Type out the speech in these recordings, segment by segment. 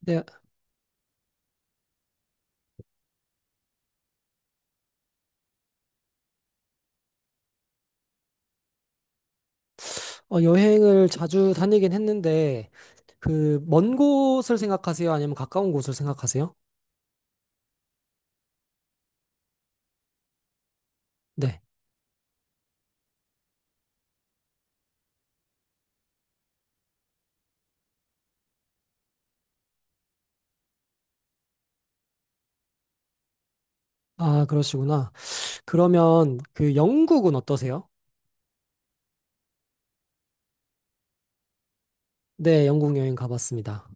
네, 여행을 자주 다니긴 했는데, 먼 곳을 생각하세요? 아니면 가까운 곳을 생각하세요? 네. 아, 그러시구나. 그러면 그 영국은 어떠세요? 네, 영국 여행 가봤습니다.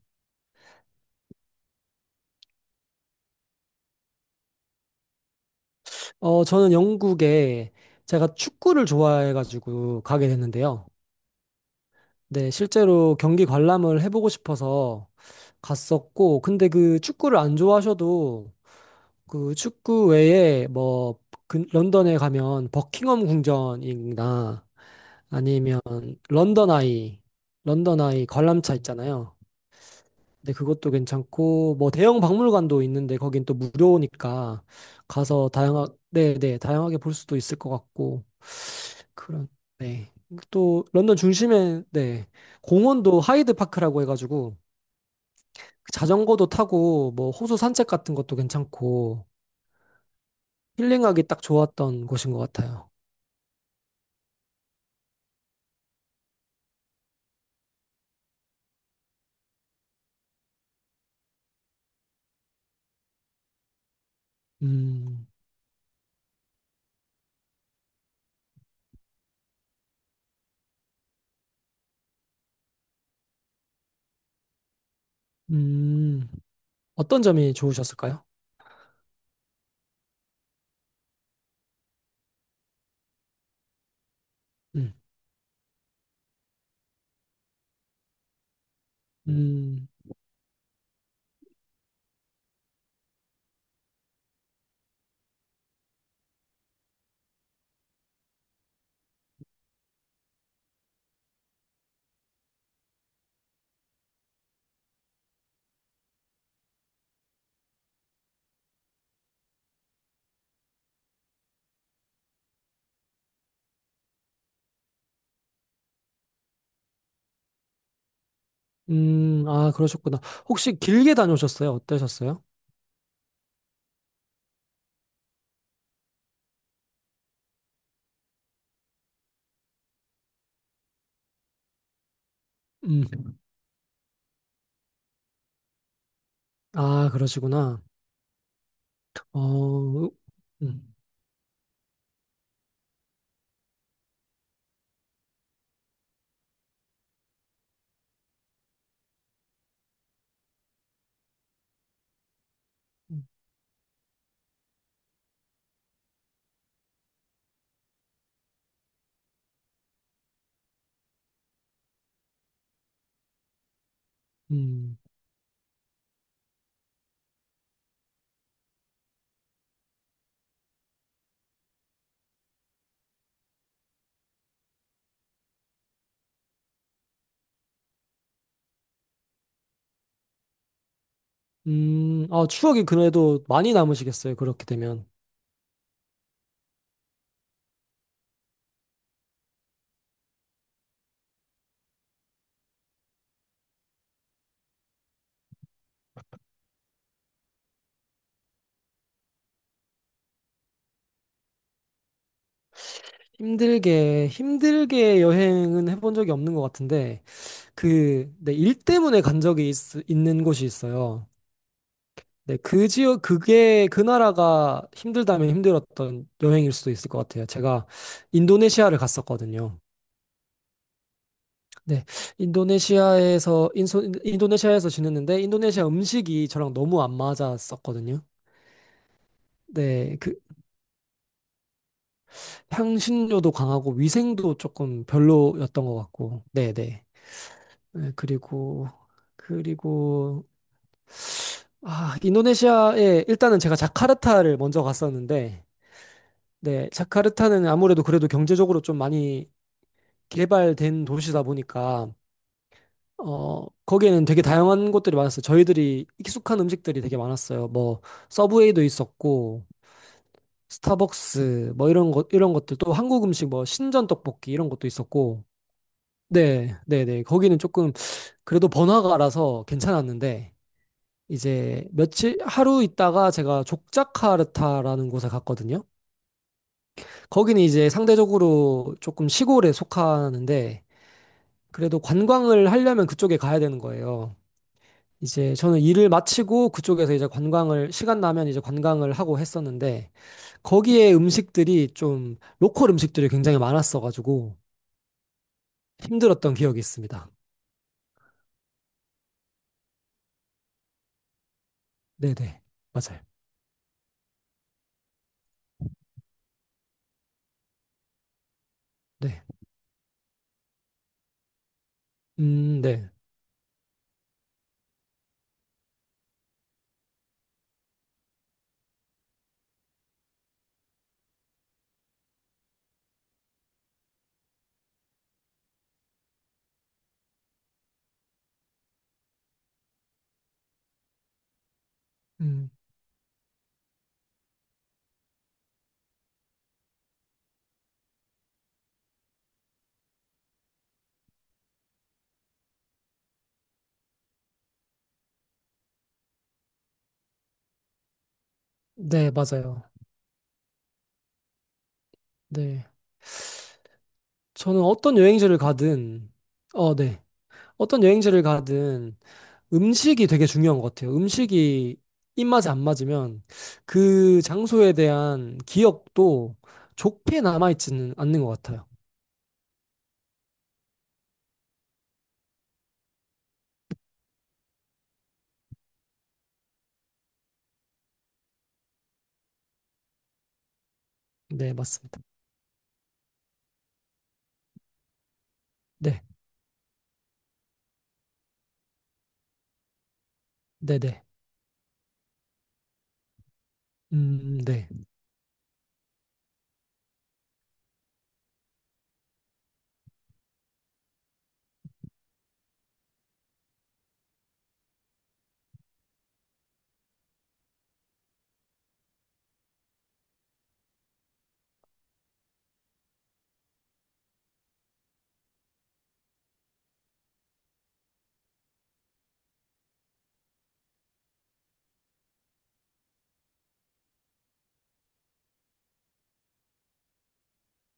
어, 저는 영국에 제가 축구를 좋아해가지고 가게 됐는데요. 네, 실제로 경기 관람을 해보고 싶어서 갔었고, 근데 그 축구를 안 좋아하셔도 그 축구 외에 런던에 가면 버킹엄 궁전이나 아니면 런던 아이, 런던 아이 관람차 있잖아요. 근데 그것도 괜찮고 뭐 대형 박물관도 있는데 거긴 또 무료니까 가서 다양하 네, 네, 다양하게 볼 수도 있을 것 같고 그런 네. 또 런던 중심에 네. 공원도 하이드 파크라고 해가지고 그 자전거도 타고 뭐 호수 산책 같은 것도 괜찮고 힐링하기 딱 좋았던 곳인 것 같아요. 음, 음, 어떤 점이 좋으셨을까요? 음, 음, 아, 그러셨구나. 혹시 길게 다녀오셨어요? 어떠셨어요? 음, 아, 그러시구나. 어, 음, 음, 아, 추억이 그래도 많이 남으시겠어요? 그렇게 되면. 힘들게 여행은 해본 적이 없는 것 같은데, 네, 일 때문에 있는 곳이 있어요. 네, 그 나라가 힘들다면 힘들었던 여행일 수도 있을 것 같아요. 제가 인도네시아를 갔었거든요. 네, 인도네시아에서 지냈는데, 인도네시아 음식이 저랑 너무 안 맞았었거든요. 네, 그, 향신료도 강하고, 위생도 조금 별로였던 것 같고, 네, 네. 네, 그리고, 아, 일단은 제가 자카르타를 먼저 갔었는데, 네, 자카르타는 아무래도 그래도 경제적으로 좀 많이 개발된 도시다 보니까 어 거기에는 되게 다양한 곳들이 많았어요. 저희들이 익숙한 음식들이 되게 많았어요. 뭐 서브웨이도 있었고 스타벅스 뭐 이런 것들 또 한국 음식 뭐 신전 떡볶이 이런 것도 있었고 네, 네, 네. 거기는 조금 그래도 번화가라서 괜찮았는데 이제 며칠 하루 있다가 제가 족자카르타라는 곳에 갔거든요. 거기는 이제 상대적으로 조금 시골에 속하는데 그래도 관광을 하려면 그쪽에 가야 되는 거예요. 이제 저는 일을 마치고 그쪽에서 이제 관광을 시간 나면 이제 관광을 하고 했었는데 거기에 음식들이 좀 로컬 음식들이 굉장히 많았어가지고 힘들었던 기억이 있습니다. 네네 맞아요. 네. 네. 음, 네 맞아요. 네. 저는 어떤 여행지를 가든 어, 네. 어떤 여행지를 가든 음식이 되게 중요한 것 같아요. 음식이 입맛에 안 맞으면 그 장소에 대한 기억도 좋게 남아있지는 않는 것 같아요. 네, 맞습니다. 네, 네, 네. 네.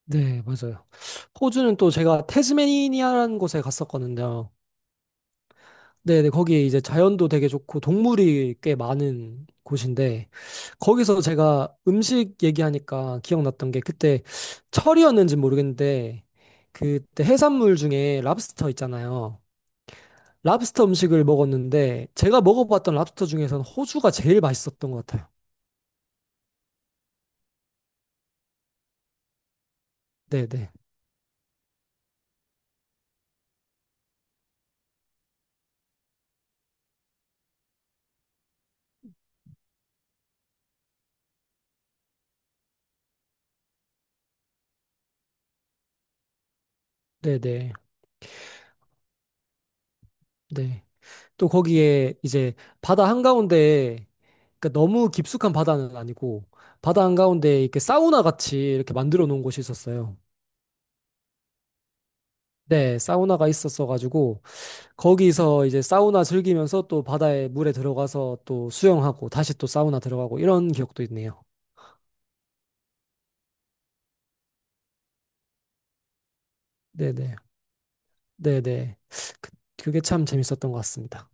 네, 맞아요. 호주는 또 제가 태즈메니아라는 곳에 갔었거든요. 네, 네. 거기 이제 자연도 되게 좋고 동물이 꽤 많은 곳인데 거기서 제가 음식 얘기하니까 기억났던 게 그때 철이었는지 모르겠는데 그때 해산물 중에 랍스터 있잖아요. 랍스터 음식을 먹었는데 제가 먹어봤던 랍스터 중에서는 호주가 제일 맛있었던 것 같아요. 네, 네. 네, 네. 네. 또 거기에 이제 바다 한가운데 그러니까 너무 깊숙한 바다는 아니고 바다 한가운데 이렇게 사우나 같이 이렇게 만들어 놓은 곳이 있었어요. 네, 사우나가 있었어 가지고 거기서 이제 사우나 즐기면서 또 바다에 물에 들어가서 또 수영하고 다시 또 사우나 들어가고 이런 기억도 있네요. 네, 네. 네, 네. 그- 그게 참 재밌었던 것 같습니다.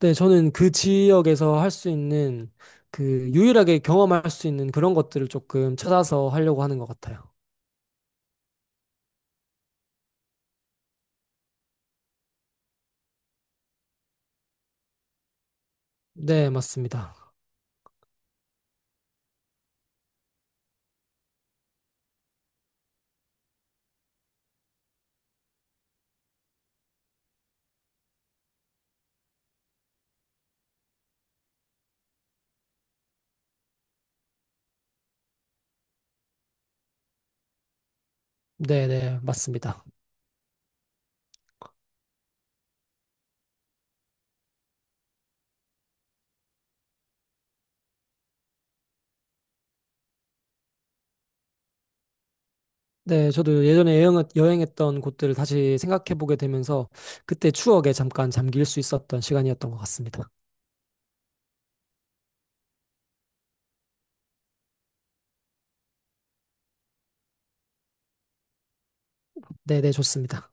네, 저는 그 지역에서 할 수 있는 그 유일하게 경험할 수 있는 그런 것들을 조금 찾아서 하려고 하는 것 같아요. 네, 맞습니다. 네, 네, 맞습니다. 네, 저도 예전에 여행했던 곳들을 다시 생각해보게 되면서 그때 추억에 잠깐 잠길 수 있었던 시간이었던 것 같습니다. 네, 네, 좋습니다.